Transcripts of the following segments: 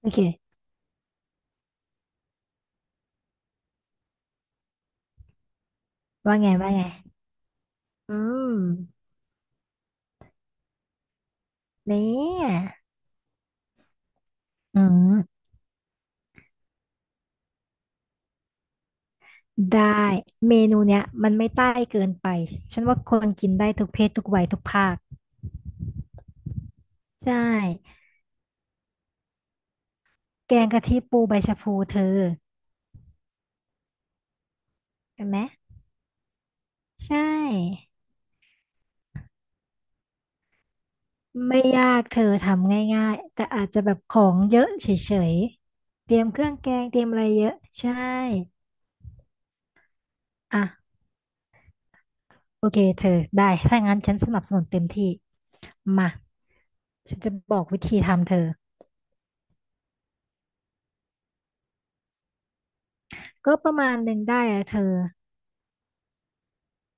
โอเค ว่าไงว่าไงอืมเนี่ยอืมได้ เมนูเนี้ยมันไม่ใต้เกินไป ฉันว่าคนกินได้ทุกเพศทุกวัยทุกภาคใช่ แกงกะทิปูใบชะพูเธอเห็นไหม ใช่ ไม่ยากเธอทำง่ายๆแต่อาจจะแบบของเยอะเฉยๆเตรียมเครื่องแกงเตรียมอะไรเยอะ ใช่ อ่ะ โอเคเธอได้ ถ้างั้นฉันสนับสนุนเต็มที่มาฉันจะบอกวิธีทำเธอ ก็ประมาณหนึ่งได้อะเธอ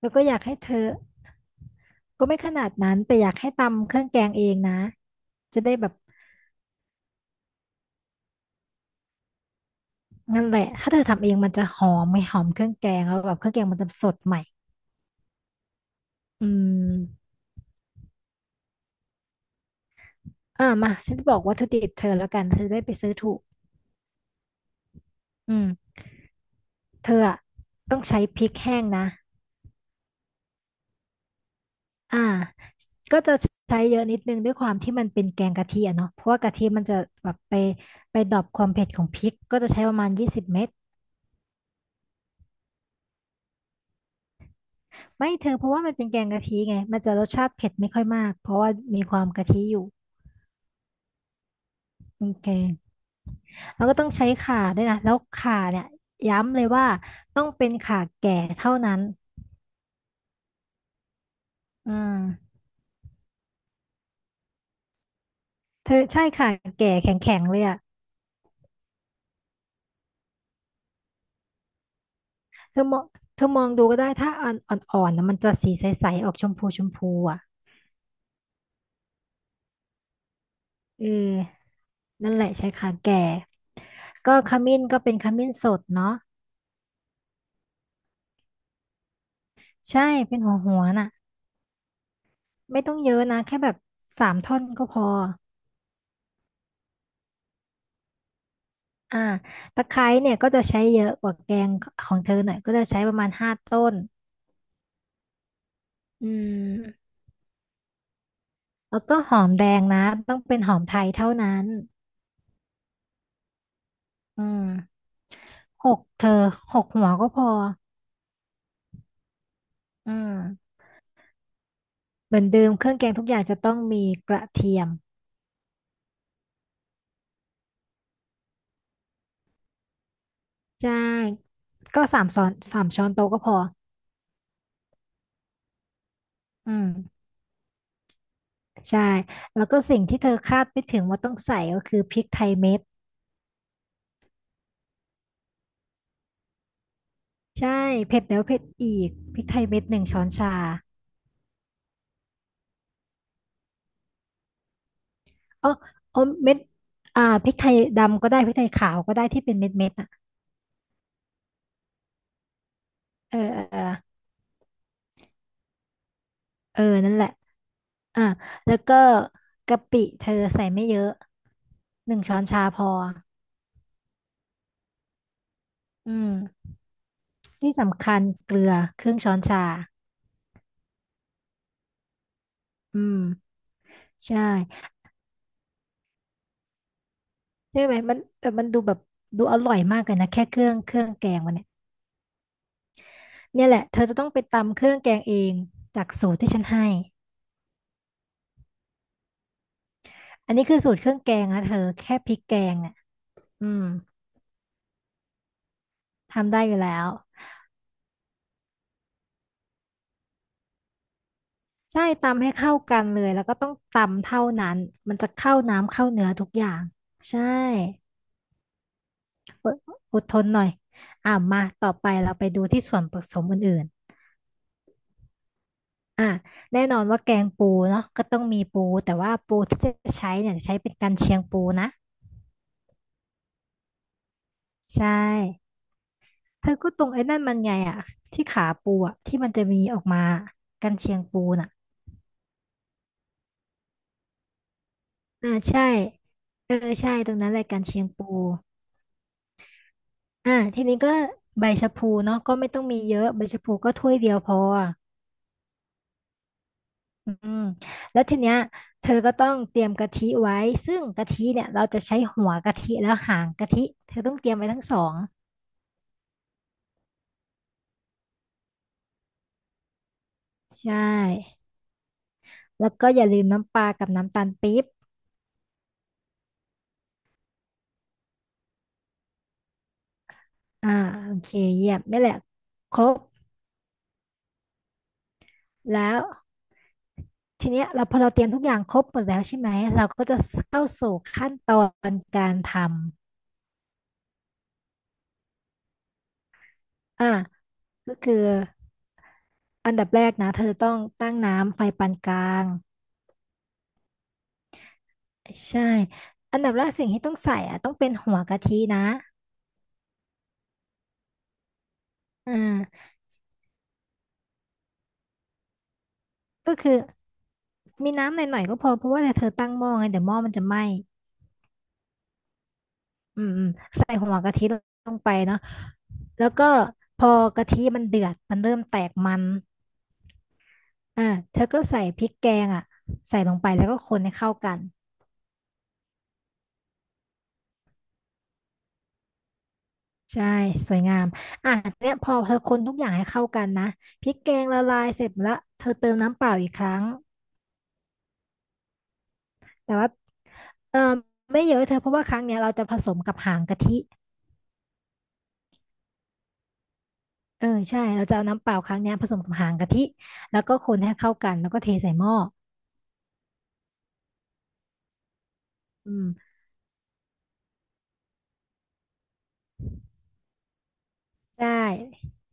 แล้วก็อยากให้เธอ ก็ไม่ขนาดนั้นแต่อยากให้ตำเครื่องแกงเองนะจะได้แบบนั่นแหละ ถ้าเธอทำเองมันจะหอมไม่หอมเครื่องแกงแล้วแบบเครื่องแกงมันจะสดใหม่อืมอ่ามาฉันจะบอกวัตถุดิบเธอแล้วกันเธอจะได้ไปซื้อถูกอืมเธออะต้องใช้พริกแห้งนะ อ่าก็จะใช้เยอะนิดนึงด้วยความที่มันเป็นแกงกะทิอะเนาะเพราะว่ากะทิมันจะแบบไปไปดรอปความเผ็ดของพริกก็จะใช้ประมาณ20 เม็ด ไม่เธอเพราะว่ามันเป็นแกงกะทิไงมันจะรสชาติเผ็ดไม่ค่อยมากเพราะว่ามีความกะทิอยู่โอเคแล้วก็ต้องใช้ข่าด้วยนะแล้วข่าเนี่ยย้ำเลยว่าต้องเป็นข่าแก่เท่านั้นอืมเธอใช่ข่าแก่แข็งๆเลยอ่ะเธอมองเธอมองดูก็ได้ถ้าอ่อนอ่อนๆนะมันจะสีใสๆออกชมพูชมพูอ่ะเออนั่นแหละใช้ข่าแก่ก็ขมิ้นก็เป็นขมิ้นสดเนาะใช่เป็นหัวหัวน่ะไม่ต้องเยอะนะแค่แบบ3 ท่อนก็พอ อ่าตะไคร้เนี่ยก็จะใช้เยอะกว่าแกงของเธอหน่อยก็จะใช้ประมาณ5 ต้นอืมแล้วก็หอมแดงนะต้องเป็นหอมไทยเท่านั้นอืมหกเธอ6 หัวก็พออืมเหมือนเดิมเครื่องแกงทุกอย่างจะต้องมีกระเทียมใช่ก็3 ช้อนโต๊ะก็พออืมใช่แล้วก็สิ่งที่เธอคาดไม่ถึงว่าต้องใส่ก็คือพริกไทยเม็ดใช่เผ็ดแล้วเผ็ดอีกพริกไทยเม็ดหนึ่งช้อนชา อ๋ออ๋อเม็ดอ่าพริกไทยดำก็ได้พริกไทยขาวก็ได้ที่เป็นเม็ดอ่ะเออเออเออนั่นแหละอ่าแล้วก็กะปิเธอใส่ไม่เยอะหนึ่งช้อนชาพออืมที่สำคัญเกลือครึ่งช้อนชาอืมใช่ใช่ไหมมันแต่มันดูแบบดูอร่อยมากเลยนะแค่เครื่องแกงมันเนี่ยเนี่ยแหละเธอจะต้องไปตำเครื่องแกงเองจากสูตรที่ฉันให้อันนี้คือสูตรเครื่องแกงนะเธอแค่พริกแกงเนี่ยอืมทำได้อยู่แล้ว ใช่ตำให้เข้ากันเลยแล้วก็ต้องตำเท่านั้นมันจะเข้าน้ำเข้าเนื้อทุกอย่างใช่อดอดทนหน่อยอ่ะมาต่อไปเราไปดูที่ส่วนผสมอื่นๆอ่ะแน่นอนว่าแกงปูเนาะก็ต้องมีปูแต่ว่าปูที่จะใช้เนี่ยใช้เป็นกันเชียงปูนะใช่เธอก็ตรงไอ้นั่นมันไงอ่ะที่ขาปูอ่ะที่มันจะมีออกมากันเชียงปูน่ะอ่าใช่เออใช่ตรงนั้นแหละกันเชียงปู อ่าทีนี้ก็ใบชะพูเนาะก็ไม่ต้องมีเยอะใบชะพูก็ถ้วยเดียวพออืมแล้วทีเนี้ยเธอก็ต้องเตรียมกะทิไว้ซึ่งกะทิเนี่ยเราจะใช้หัวกะทิแล้วหางกะทิเธอต้องเตรียมไว้ทั้งสองใช่แล้วก็อย่าลืมน้ำปลากับน้ำตาลปี๊บอ่าโอเคเยี่ยมนี่แหละครบแล้วทีเนี้ยเราพอเราเตรียมทุกอย่างครบหมดแล้วใช่ไหมเราก็จะเข้าสู่ขั้นตอนการทำอ่าก็คือ อันดับแรกนะเธอต้องตั้งน้ำไฟปานกลางใช่อันดับแรกสิ่งที่ต้องใส่อ่ะต้องเป็นหัวกะทินะอ่าก็คือมีน้ำหน่อยๆก็พอเพราะว่าเธอตั้งหม้อไงเดี๋ยวหม้อมันจะไหม้อืมอืมใส่หัวกะทิลงไปเนาะแล้วก็พอกะทิมันเดือดมันเริ่มแตกมันอ่าเธอก็ใส่พริกแกงอ่ะใส่ลงไปแล้วก็คนให้เข้ากัน ใช่สวยงามอ่ะเนี่ยพอเธอคนทุกอย่างให้เข้ากันนะพริกแกงละลายเสร็จละเธอเติมน้ำเปล่าอีกครั้งแต่ว่าเออไม่เยอะเธอเพราะว่าครั้งเนี้ยเราจะผสมกับหางกะทิเออใช่เราจะเอาน้ำเปล่าครั้งเนี้ยผสมกับหางกะทิแล้วก็คนให้เข้ากันแล้วก็เทใส่หม้ออืมใช่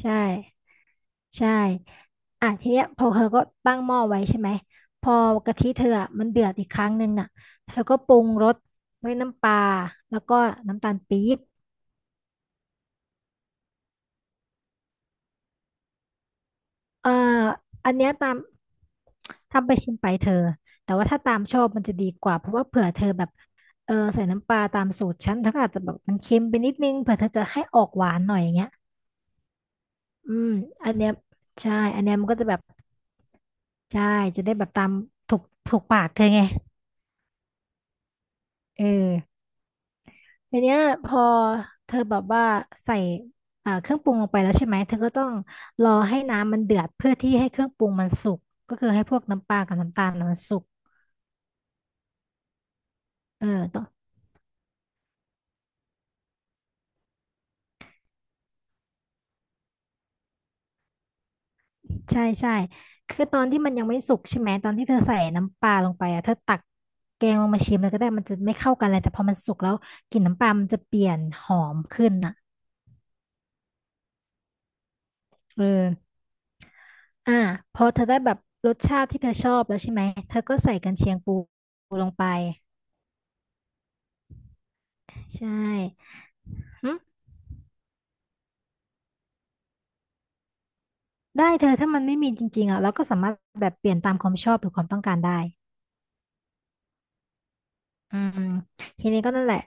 ใช่ใช่อ่ะทีเนี้ยพอเธอก็ตั้งหม้อไว้ใช่ไหมพอกะทิเธออะมันเดือดอีกครั้งหนึ่งน่ะเธอก็ปรุงรสด้วยน้ำปลาแล้วก็น้ำตาลปี๊บ เอ่ออันเนี้ยตามทำไปชิมไปเธอ แต่ว่าถ้าตามชอบมันจะดีกว่าเพราะว่าเผื่อเธอแบบใส่น้ำปลาตามสูตรฉันเธอก็อาจจะแบบมันเค็มไปนิดนึงเผื่อเธอจะให้ออกหวานหน่อยอย่างเงี้ยอืมอันเนี้ยใช่อันเนี้ยมันก็จะแบบใช่จะได้แบบตามถูกปากเธอไงเออทีเนี้ยพอเธอแบบว่าใส่เครื่องปรุงลงไปแล้วใช่ไหมเธอก็ต้องรอให้น้ำมันเดือดเพื่อที่ให้เครื่องปรุงมันสุกก็คือให้พวกน้ำปลากับน้ำตาลน่ะมันสุกเออต้อง ใช่ใช่คือตอนที่มันยังไม่สุกใช่ไหมตอนที่เธอใส่น้ำปลาลงไปอ่ะเธอตักแกงลงมาชิมแล้วก็ได้มันจะไม่เข้ากันเลยแต่พอมันสุกแล้วกลิ่นน้ำปลามันจะเปลี่ยนหอมขึ้นอ่ะเอออ่าพอเธอได้แบบรสชาติที่เธอชอบแล้วใช่ไหมเธอก็ใส่กันเชียงปูลงไปใช่หึได้เธอถ้ามันไม่มีจริงๆอ่ะเราก็สามารถแบบเปลี่ยนตามความชอบหรือความต้องการได้ อืมทีนี้ก็นั่นแหละ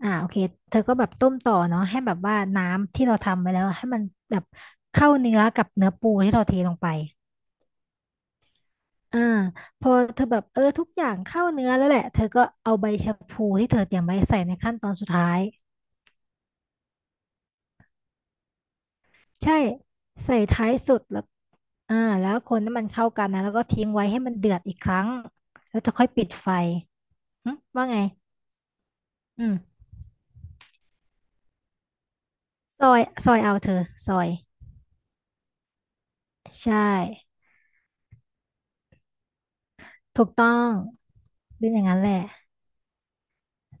อ่าโอเคเธอก็แบบต้มต่อเนาะให้แบบว่าน้ำที่เราทำไว้แล้วให้มันแบบเข้าเนื้อกับเนื้อปูที่เราเทลงไปอ่าพอเธอแบบเออทุกอย่างเข้าเนื้อแล้วแหละเธอก็เอาใบชะพลูที่เธอเตรียมไว้ใส่ในขั้นตอนสุดท้ายใช่ใส่ท้ายสุดแล้วอ่าแล้วคนให้มันเข้ากันนะแล้วก็ทิ้งไว้ให้มันเดือดอีกครั้งแล้วเธอค่อยปิดไฟหึว่าไงอืมซอยเอาเธอซอยใช่ถูกต้อง เป็นอย่างนั้นแหละ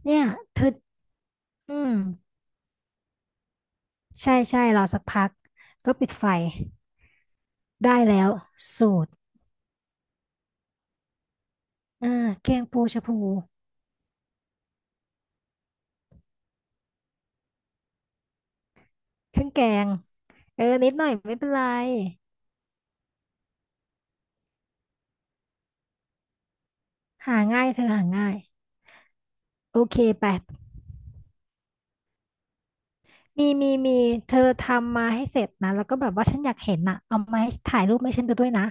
เนี่ยเธออืมใช่ใช่รอสักพัก ก็ปิดไฟได้แล้ว สูตรอ่าแกงปูชะพูเครื่องแกงเออ นิดหน่อยไม่เป็นไรหาง่ายเธอหาง่าย โอเคไปมีเธอทำมาให้เสร็จนะ แล้วก็แบบว่าฉันอยากเห็นน่ะเอามาให้ถ่ายรูปให้ฉันดูด้วยนะ